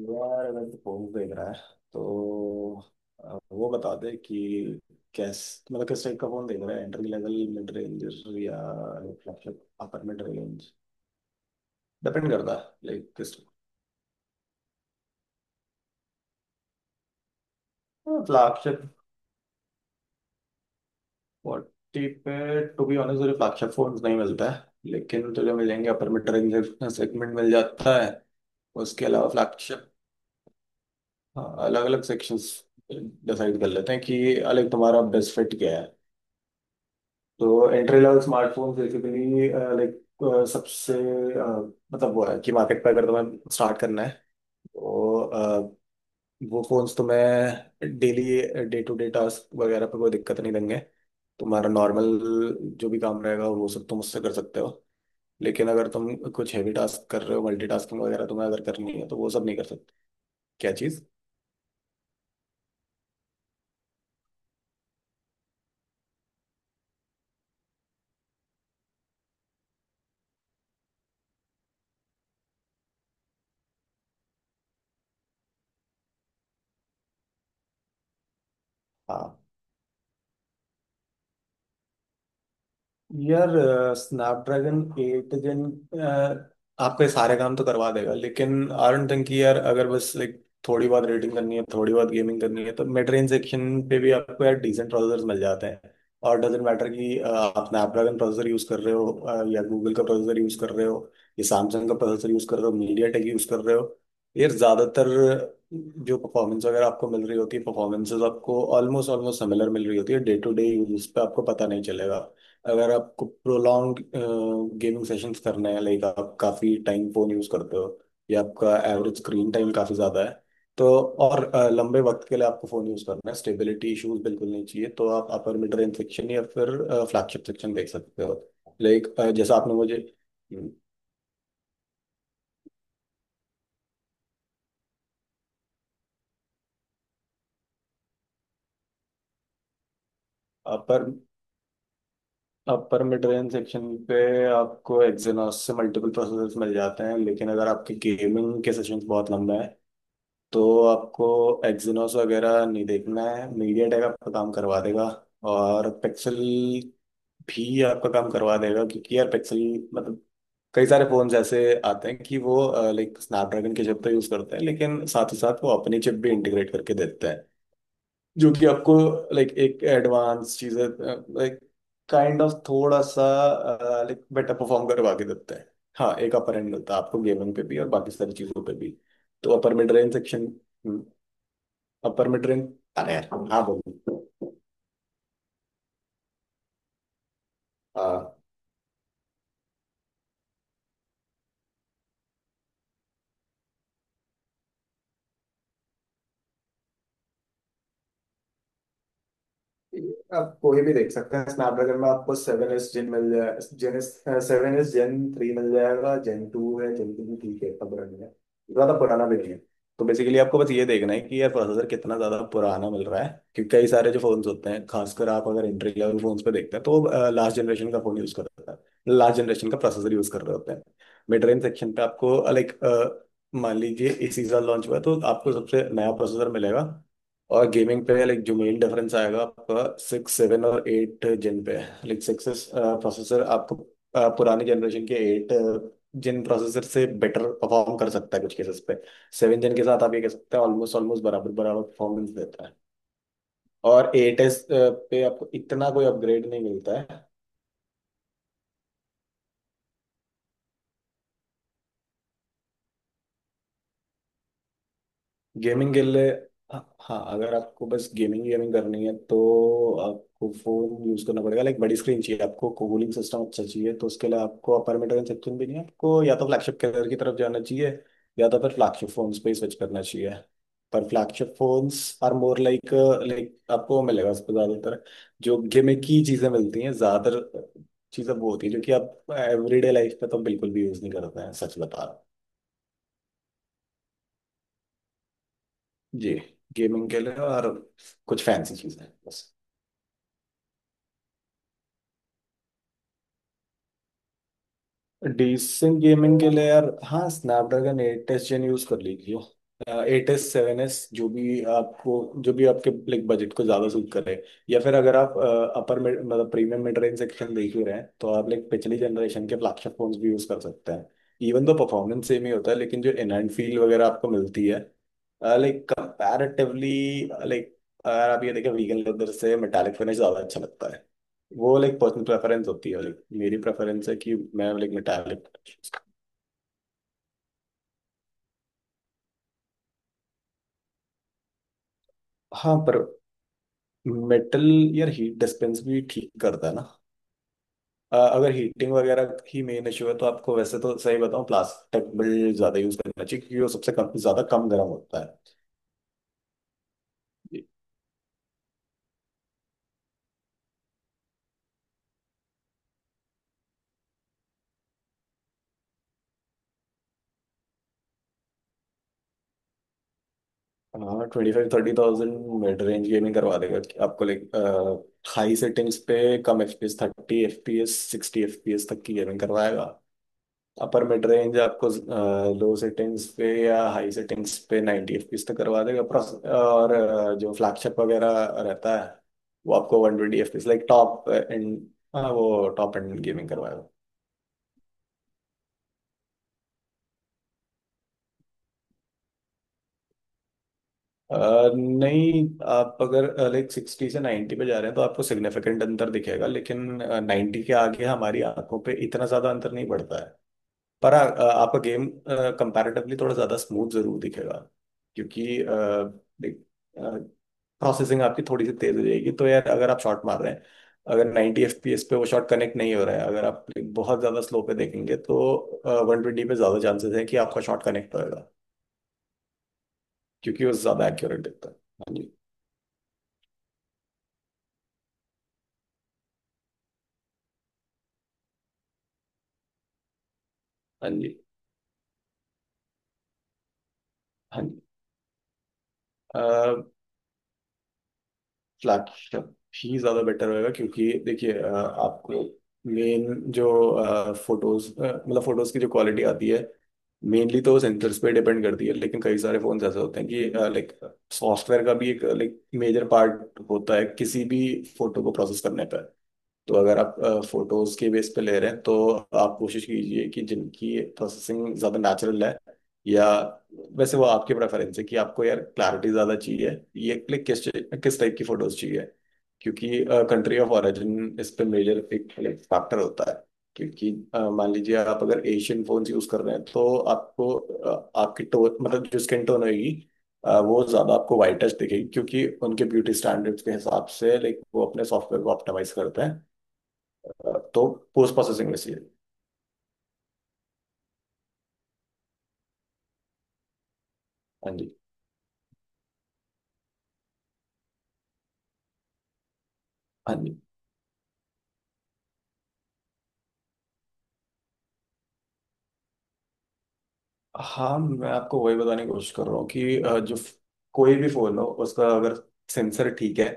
यार अगर तो पोल देख रहा है, तो वो बता दे कि कैस मतलब किस टाइप का फोन देख रहा है, एंट्री लेवल मिड रेंज या flagship upper mid range. Depend करता है लाइक किस फ्लैगशिप फोर्टी पे। टू बी ऑनेस्ट, तुझे फ्लैगशिप फोन नहीं मिलता है लेकिन तुझे मिलेंगे, अपर मिड रेंज सेगमेंट मिल जाता है। उसके अलावा फ्लैगशिप अलग अलग सेक्शंस डिसाइड कर लेते हैं कि अलग तुम्हारा बेस्ट फिट क्या है। तो entry level smartphone basically like सबसे मतलब वो है कि मार्केट पे अगर तुम्हें स्टार्ट करना है, तो वो फोन्स तुम्हें daily day to day task वगैरह पे कोई दिक्कत नहीं देंगे। तुम्हारा नॉर्मल जो भी काम रहेगा वो सब तुम उससे कर सकते हो, लेकिन अगर तुम कुछ हैवी टास्क कर रहे हो, मल्टीटास्किंग वगैरह तुम्हें अगर करनी है तो वो सब नहीं कर सकते। क्या चीज़? हाँ। यार स्नैपड्रैगन एट जन आपके सारे काम तो करवा देगा, लेकिन आई डोंट थिंक कि यार अगर बस लाइक थोड़ी बहुत रेडिंग करनी है, थोड़ी बहुत गेमिंग करनी है, तो मिड रेंज सेक्शन पे भी आपको यार डिसेंट प्रोसेसर मिल जाते हैं। और डजेंट मैटर कि आप स्नैपड्रैगन प्रोसेसर यूज कर रहे हो, या गूगल का प्रोसेसर यूज कर रहे हो या सैमसंग का प्रोसेसर यूज कर रहे हो, मीडिया टेक यूज कर रहे हो। यार ज्यादातर जो परफॉर्मेंस वगैरह आपको मिल रही होती है, परफॉर्मेंसेस आपको ऑलमोस्ट ऑलमोस्ट सिमिलर मिल रही होती है। डे टू डे यूज पे आपको पता नहीं चलेगा। अगर आपको प्रोलॉन्ग गेमिंग सेशंस करने हैं लाइक आप काफ़ी टाइम फ़ोन यूज़ करते हो, या आपका एवरेज स्क्रीन टाइम काफ़ी ज़्यादा है, तो और लंबे वक्त के लिए आपको फ़ोन यूज़ करना है, स्टेबिलिटी इश्यूज बिल्कुल नहीं चाहिए, तो आप अपर मिड रेंज सेक्शन या फिर फ्लैगशिप सेक्शन देख सकते हो। लाइक जैसा आपने मुझे। Upper upper mid range section पे आपको एक्सिनोस से मल्टीपल प्रोसेसर्स मिल जाते हैं, लेकिन अगर आपके गेमिंग के सेशंस बहुत लंबे हैं तो आपको एक्जिनोस वगैरह नहीं देखना है, मीडियाटेक आपका काम करवा देगा। और पिक्सल भी आपका काम करवा देगा, क्योंकि यार पिक्सल मतलब कई सारे फोन्स ऐसे आते हैं कि वो लाइक स्नैपड्रैगन की चिप तो यूज करते हैं, लेकिन साथ ही साथ वो अपनी चिप भी इंटीग्रेट करके देते हैं, जो कि आपको लाइक एक एडवांस चीज़, लाइक काइंड ऑफ थोड़ा सा लाइक बेटर परफॉर्म करवा के देते हैं। हाँ, एक अपर एंड मिलता है आपको गेमिंग पे भी और बाकी सारी चीज़ों पे भी। तो upper mid range section, upper mid range. अरे यार, हाँ बोलो। हाँ। आप कोई भी देख सकते हैं। स्नैपड्रैगन में आपको सेवन एस जेन मिल जाए, gen S seven S gen three मिल जाएगा, जेन टू है, जेन टू भी ठीक है, इतना पुराना नहीं है, ज्यादा पुराना भी नहीं है। तो बेसिकली आपको बस ये देखना है कि यार प्रोसेसर कितना ज्यादा पुराना मिल रहा है, क्योंकि कई सारे जो फोन्स होते हैं, खासकर आप अगर एंट्री लेवल फोन्स पे देखते हैं, तो लास्ट जनरेशन का फोन यूज कर रहा है, लास्ट जनरेशन का प्रोसेसर यूज कर रहे होते हैं। मिड रेंज सेक्शन पे आपको लाइक, मान लीजिए इसी साल लॉन्च हुआ है, तो आपको सबसे नया प्रोसेसर मिलेगा। और गेमिंग पे लाइक जो मेन डिफरेंस आएगा आपका, सिक्स सेवन और एट जिन पे। लाइक सिक्स प्रोसेसर आपको पुरानी जनरेशन के एट जिन प्रोसेसर से बेटर परफॉर्म कर सकता है कुछ केसेस पे। सेवन जिन के साथ आप ये कह सकते हैं ऑलमोस्ट ऑलमोस्ट बराबर बराबर परफॉर्मेंस देता है, और एट एस पे आपको इतना कोई अपग्रेड नहीं मिलता है। गेमिंग के लिए हाँ हाँ, अगर आपको बस गेमिंग गेमिंग करनी है तो आपको फोन यूज करना पड़ेगा, लाइक बड़ी स्क्रीन चाहिए, आपको कूलिंग सिस्टम अच्छा चाहिए, तो उसके लिए आपको अपर मिड रेंज सेक्शन भी नहीं है, आपको या तो फ्लैगशिप कलर की तरफ जाना चाहिए, या तो फिर फ्लैगशिप फोन्स पे स्विच करना चाहिए। पर flagship phones are more like, आपको मिलेगा उस पर ज्यादातर जो गेमिंग की चीजें मिलती हैं, ज्यादातर चीजें वो होती है जो कि आप एवरीडे लाइफ पे तो बिल्कुल भी यूज नहीं करते हैं, सच बता रहा हूँ। जी। गेमिंग के लिए और कुछ फैंसी चीजें बस। डिसेंट गेमिंग के लिए यार हाँ, Snapdragon eight S gen use कर लीजिए, एट एस सेवन एस, जो भी आपके लाइक बजट को ज्यादा सूट करे, या फिर अगर आप अपर मतलब प्रीमियम मिड रेंज सेक्शन देख ही रहे हैं तो आप लाइक पिछली जनरेशन के फ्लैगशिप फोन्स भी यूज कर सकते हैं। इवन तो परफॉर्मेंस सेम ही होता है, लेकिन जो इनहैंड फील वगैरह आपको मिलती है लाइक कंपैरेटिवली, लाइक अगर आप ये देखें, वीगन लेदर से मेटालिक फिनिश ज्यादा अच्छा लगता है। वो लाइक पर्सनल प्रेफरेंस होती है, लाइक मेरी प्रेफरेंस है कि मैं लाइक मेटालिक। हाँ। पर मेटल, यार हीट डिस्पेंस भी ठीक करता है ना। अगर हीटिंग वगैरह ही मेन इशू है तो आपको वैसे तो सही बताऊँ, प्लास्टिक बिल्ड ज्यादा यूज करना चाहिए क्योंकि वो सबसे कम, ज्यादा कम गर्म होता है। हाँ, twenty five thirty thousand mid range gaming करवा देगा कि आपको लाइक हाई सेटिंग्स पे, कम F P S, thirty F P S sixty F P S तक की गेमिंग करवाएगा। अपर मिड रेंज आपको लो सेटिंग्स पे या हाई सेटिंग्स पे 90 एफपीएस तक करवा देगा प्रोस, और जो फ्लैगशिप वगैरह रहता है वो आपको 120 एफपीएस लाइक टॉप एंड। हाँ, वो टॉप एंड गेमिंग करवाएगा। अ, नहीं। आप अगर लाइक सिक्सटी से 90 पे जा रहे हैं तो आपको सिग्निफिकेंट अंतर दिखेगा, लेकिन नाइन्टी के आगे हमारी आंखों पे इतना ज्यादा अंतर नहीं पड़ता है। पर आपका गेम कंपैरेटिवली थोड़ा ज्यादा स्मूथ जरूर दिखेगा, क्योंकि प्रोसेसिंग आपकी थोड़ी सी तेज हो जाएगी, तो यार अगर आप शॉट मार रहे हैं, अगर 90 एफपीएस पे वो शॉट कनेक्ट नहीं हो रहा है, अगर आप बहुत ज़्यादा स्लो पे देखेंगे तो वन ट्वेंटी पे ज़्यादा चांसेस है कि आपका शॉट कनेक्ट होएगा, क्योंकि वो ज़्यादा एक्यूरेट दिखता है। हाँ जी। हाँ जी। हाँ जी। फ्लैट शॉट ही ज़्यादा बेटर होएगा, क्योंकि देखिए आपको मेन जो फोटोज, मतलब फोटोज की जो क्वालिटी आती है, मेनली तो सेंसर्स पे डिपेंड करती है, लेकिन कई सारे फोन ऐसे होते हैं कि लाइक सॉफ्टवेयर का भी एक लाइक मेजर पार्ट होता है किसी भी फोटो को प्रोसेस करने पे। तो अगर आप फोटोज के बेस पे ले रहे हैं तो आप कोशिश कीजिए कि जिनकी प्रोसेसिंग ज्यादा नेचुरल है, या वैसे वो आपकी प्रेफरेंस है कि आपको यार क्लैरिटी ज्यादा चाहिए, ये क्लिक, किस किस टाइप की फोटोज चाहिए, क्योंकि कंट्री ऑफ ओरिजिन इस पे मेजर एक फैक्टर होता है। क्योंकि मान लीजिए आप अगर एशियन फोन यूज कर रहे हैं, तो आपको आपकी टोन, मतलब जो स्किन टोन होगी, वो ज्यादा आपको वाइटिश दिखेगी, क्योंकि उनके ब्यूटी स्टैंडर्ड्स के हिसाब से लाइक वो अपने सॉफ्टवेयर को ऑप्टिमाइज करते हैं। तो पोस्ट प्रोसेसिंग में चाहिए। हाँ जी। हाँ जी। हाँ, मैं आपको वही बताने की कोशिश कर रहा हूँ कि जो कोई भी फोन हो उसका अगर सेंसर ठीक है,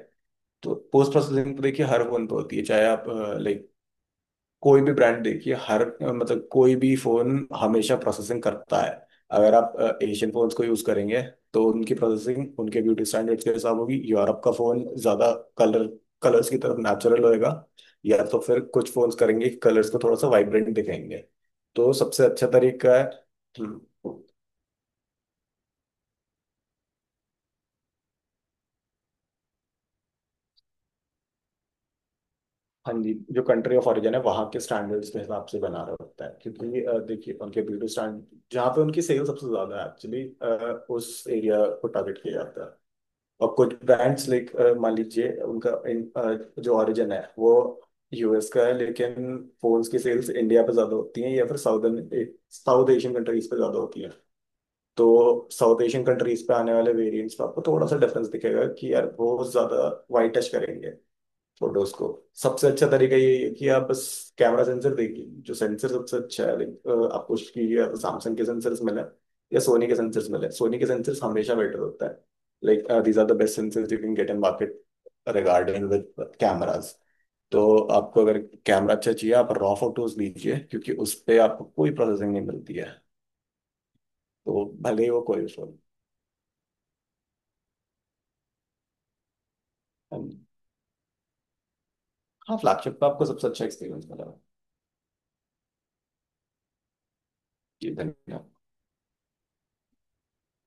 तो पोस्ट प्रोसेसिंग तो देखिए हर फोन पे होती है, चाहे आप लाइक कोई भी ब्रांड देखिए, हर मतलब कोई भी फोन हमेशा प्रोसेसिंग करता है। अगर आप एशियन फोन्स को यूज करेंगे तो उनकी प्रोसेसिंग उनके ब्यूटी स्टैंडर्ड्स के हिसाब होगी। यूरोप का फोन ज्यादा कलर कलर्स की तरफ नेचुरल होएगा, या तो फिर कुछ फोन्स करेंगे कलर्स को थोड़ा सा वाइब्रेंट दिखाएंगे। तो सबसे अच्छा तरीका है। हम्म। हाँ जी, जो कंट्री ऑफ ओरिजिन है वहाँ के स्टैंडर्ड्स के हिसाब से बना रहा होता है, क्योंकि देखिए उनके ब्यूटी स्टैंड जहाँ पे उनकी सेल सबसे ज्यादा है एक्चुअली, उस एरिया को टारगेट किया जाता है। और कुछ ब्रांड्स लाइक मान लीजिए उनका जो ओरिजिन है वो यूएस का है, लेकिन फोन्स की सेल्स इंडिया पे ज्यादा होती हैं, या फिर साउदर्न साउथ एशियन कंट्रीज पे ज्यादा होती हैं। तो साउथ एशियन कंट्रीज पे आने वाले वेरिएंट्स पे आपको थोड़ा सा डिफरेंस दिखेगा कि यार वो ज्यादा वाइट टच करेंगे फोटोज को। सबसे अच्छा तरीका ये है कि आप बस कैमरा सेंसर देखिए, जो सेंसर सबसे अच्छा है, like, आपको उसकी सैमसंग के सेंसर्स मिले या सोनी के सेंसर्स मिले, सोनी के सेंसर्स हमेशा बेटर होता है। Like these are the best sensors you can get in market regarding with cameras. तो आपको अगर कैमरा अच्छा चाहिए, आप रॉ फोटोज लीजिए क्योंकि उस पे आपको कोई प्रोसेसिंग नहीं मिलती है, तो भले ही वो कोई भी फोन। हाँ, फ्लैगशिप पे आपको सबसे अच्छा एक्सपीरियंस मिला है। जी धन्यवाद।